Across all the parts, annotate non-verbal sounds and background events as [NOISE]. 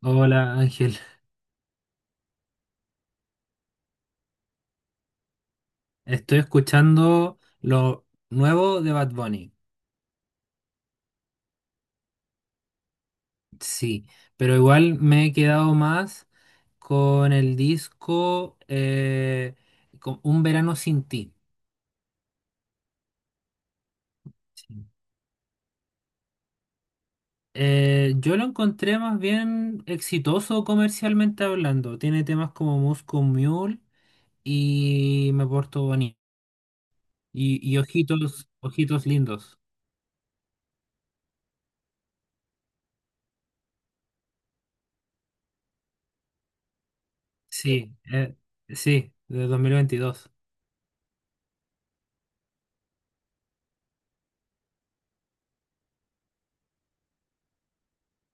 Hola Ángel, estoy escuchando lo nuevo de Bad Bunny. Sí, pero igual me he quedado más con el disco con Un verano sin ti. Sí. Yo lo encontré más bien exitoso comercialmente hablando. Tiene temas como Moscow Mule y Me Porto Bonito y Ojitos, Ojitos Lindos. Sí, [LAUGHS] sí, de 2022.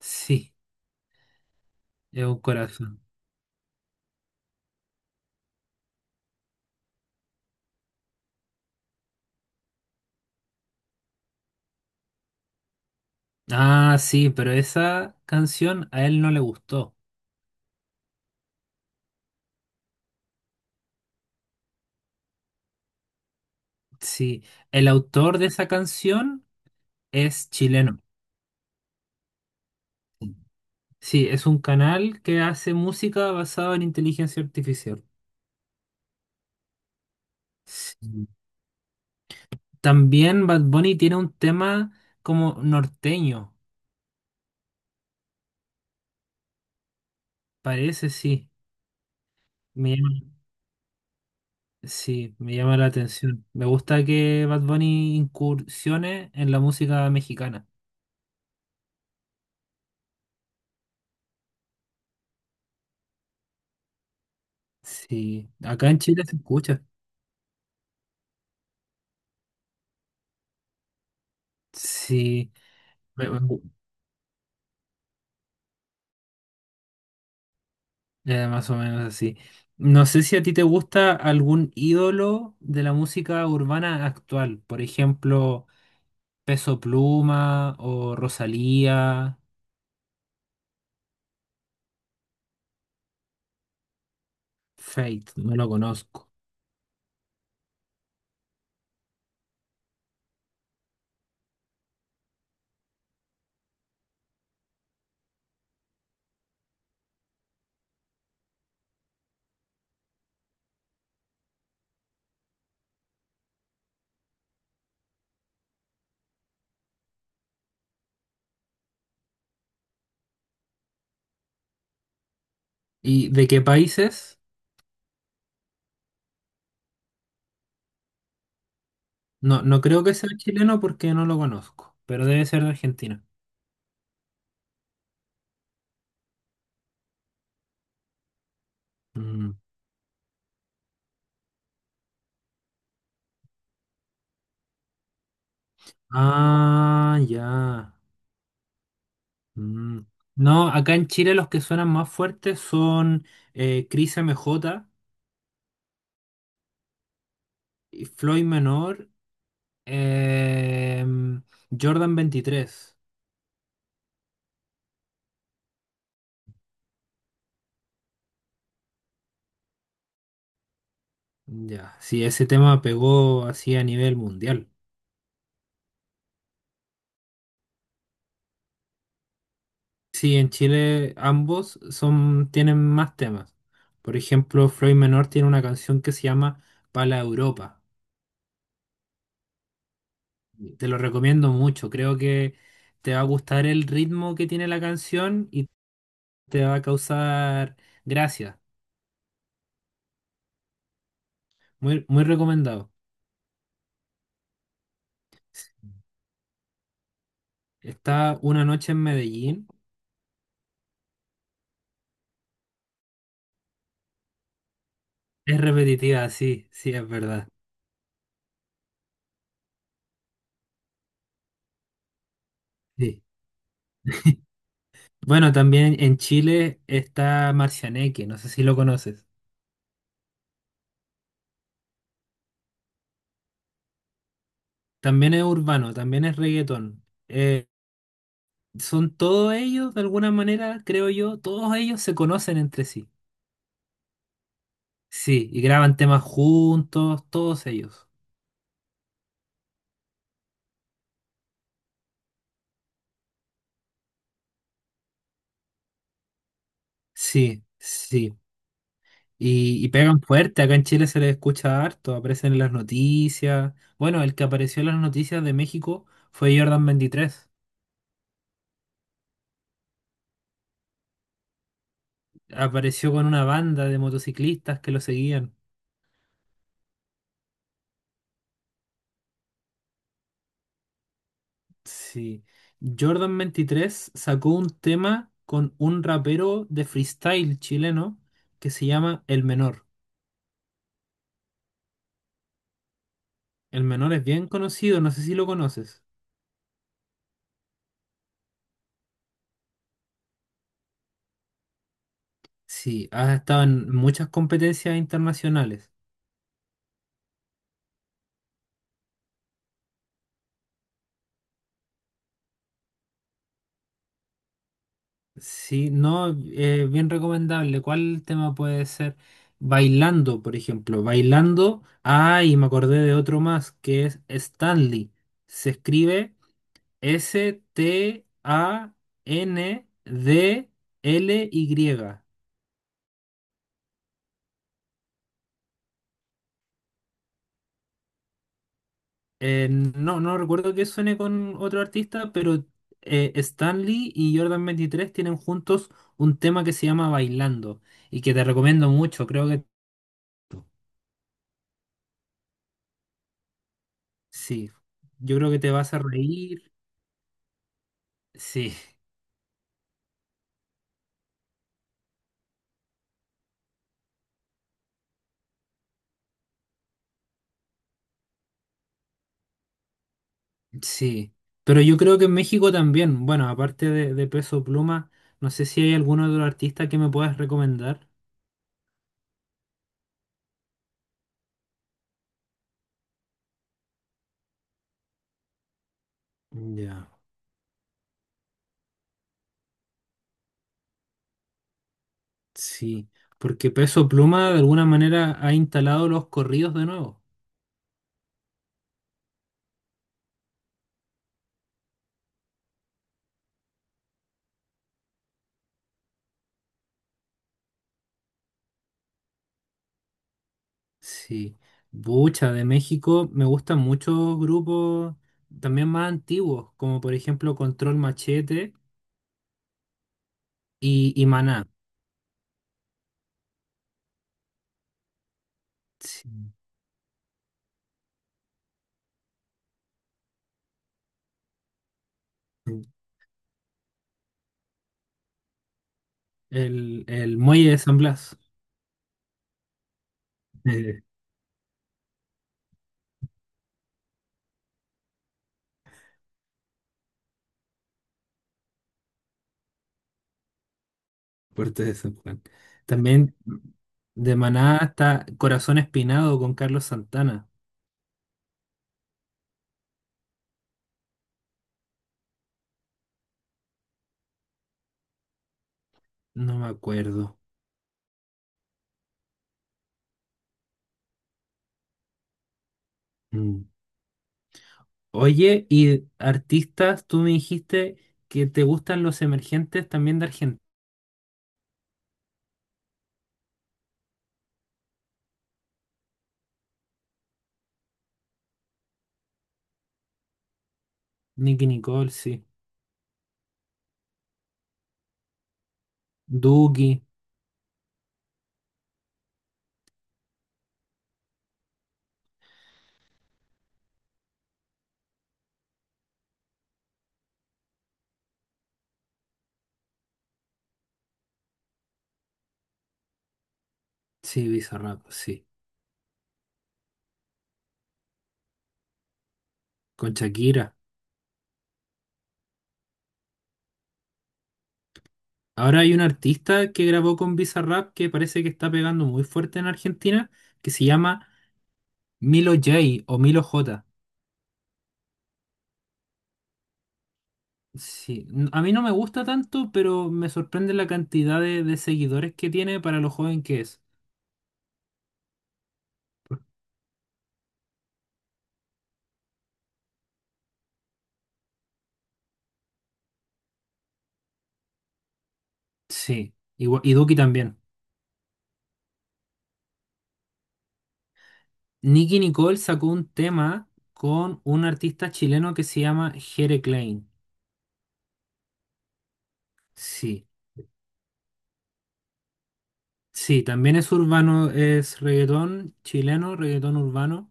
Sí, es un corazón. Ah, sí, pero esa canción a él no le gustó. Sí, el autor de esa canción es chileno. Sí, es un canal que hace música basada en inteligencia artificial. Sí. También Bad Bunny tiene un tema como norteño, parece, sí. Me llama, sí, me llama la atención. Me gusta que Bad Bunny incursione en la música mexicana. Sí, acá en Chile se escucha. Sí, me, me- ya, más o menos así. No sé si a ti te gusta algún ídolo de la música urbana actual, por ejemplo, Peso Pluma o Rosalía, Fate, no lo conozco. ¿Y de qué países? No, no creo que sea chileno porque no lo conozco, pero debe ser de Argentina. Mm. Ah, ya. Mm. No, acá en Chile los que suenan más fuertes son Cris MJ, y Floyd Menor. Em, Jordan 23. Ya, sí, ese tema pegó así a nivel mundial. Sí, en Chile ambos son, tienen más temas. Por ejemplo, Floyd Menor tiene una canción que se llama Pala Europa. Te lo recomiendo mucho. Creo que te va a gustar el ritmo que tiene la canción y te va a causar gracia. Muy, muy recomendado. Está Una noche en Medellín. Es repetitiva, sí, sí, es verdad. Sí. Bueno, también en Chile está Marcianeque, no sé si lo conoces. También es urbano, también es reggaetón. Eh, son todos ellos, de alguna manera, creo yo, todos ellos se conocen entre sí. Sí, y graban temas juntos, todos ellos. Sí, sí. Y pegan fuerte, acá en Chile se les escucha harto, aparecen en las noticias. Bueno, el que apareció en las noticias de México fue Jordan 23. Apareció con una banda de motociclistas que lo seguían. Sí. Jordan 23 sacó un tema con un rapero de freestyle chileno que se llama El Menor. El Menor es bien conocido, no sé si lo conoces. Sí, ha estado en muchas competencias internacionales. Sí, no, bien recomendable. ¿Cuál tema puede ser? Bailando, por ejemplo. Bailando. Ah, y me acordé de otro más que es Stanley. Se escribe Standly. No, no recuerdo que suene con otro artista, pero Stanley y Jordan 23 tienen juntos un tema que se llama Bailando y que te recomiendo mucho. Creo que sí, yo creo que te vas a reír. Sí, sí. Pero yo creo que en México también, bueno, aparte de Peso Pluma, no sé si hay algún otro artista que me puedas recomendar. Ya. Sí, porque Peso Pluma de alguna manera ha instalado los corridos de nuevo. Sí, Bucha de México, me gustan muchos grupos también más antiguos, como por ejemplo Control Machete y Maná. Sí. El Muelle de San Blas, eh, Puerto de San Juan. También de Maná hasta Corazón Espinado con Carlos Santana. No me acuerdo. Mm. Oye, y artistas, tú me dijiste que te gustan los emergentes también de Argentina. Nicki Nicole, sí. Duki, sí, Bizarrap, sí. Con Shakira. Ahora hay un artista que grabó con Bizarrap que parece que está pegando muy fuerte en Argentina, que se llama Milo J o Milo J. Sí, a mí no me gusta tanto, pero me sorprende la cantidad de seguidores que tiene para lo joven que es. Sí, igual, y Duki también. Nicky Nicole sacó un tema con un artista chileno que se llama Jere Klein. Sí, sí, también es urbano, es reggaetón chileno, reggaetón urbano.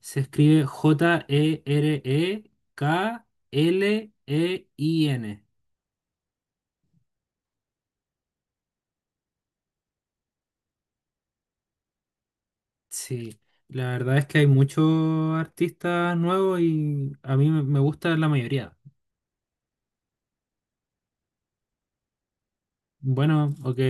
Se escribe Jereklein. Sí, la verdad es que hay muchos artistas nuevos y a mí me gusta la mayoría. Bueno, ok.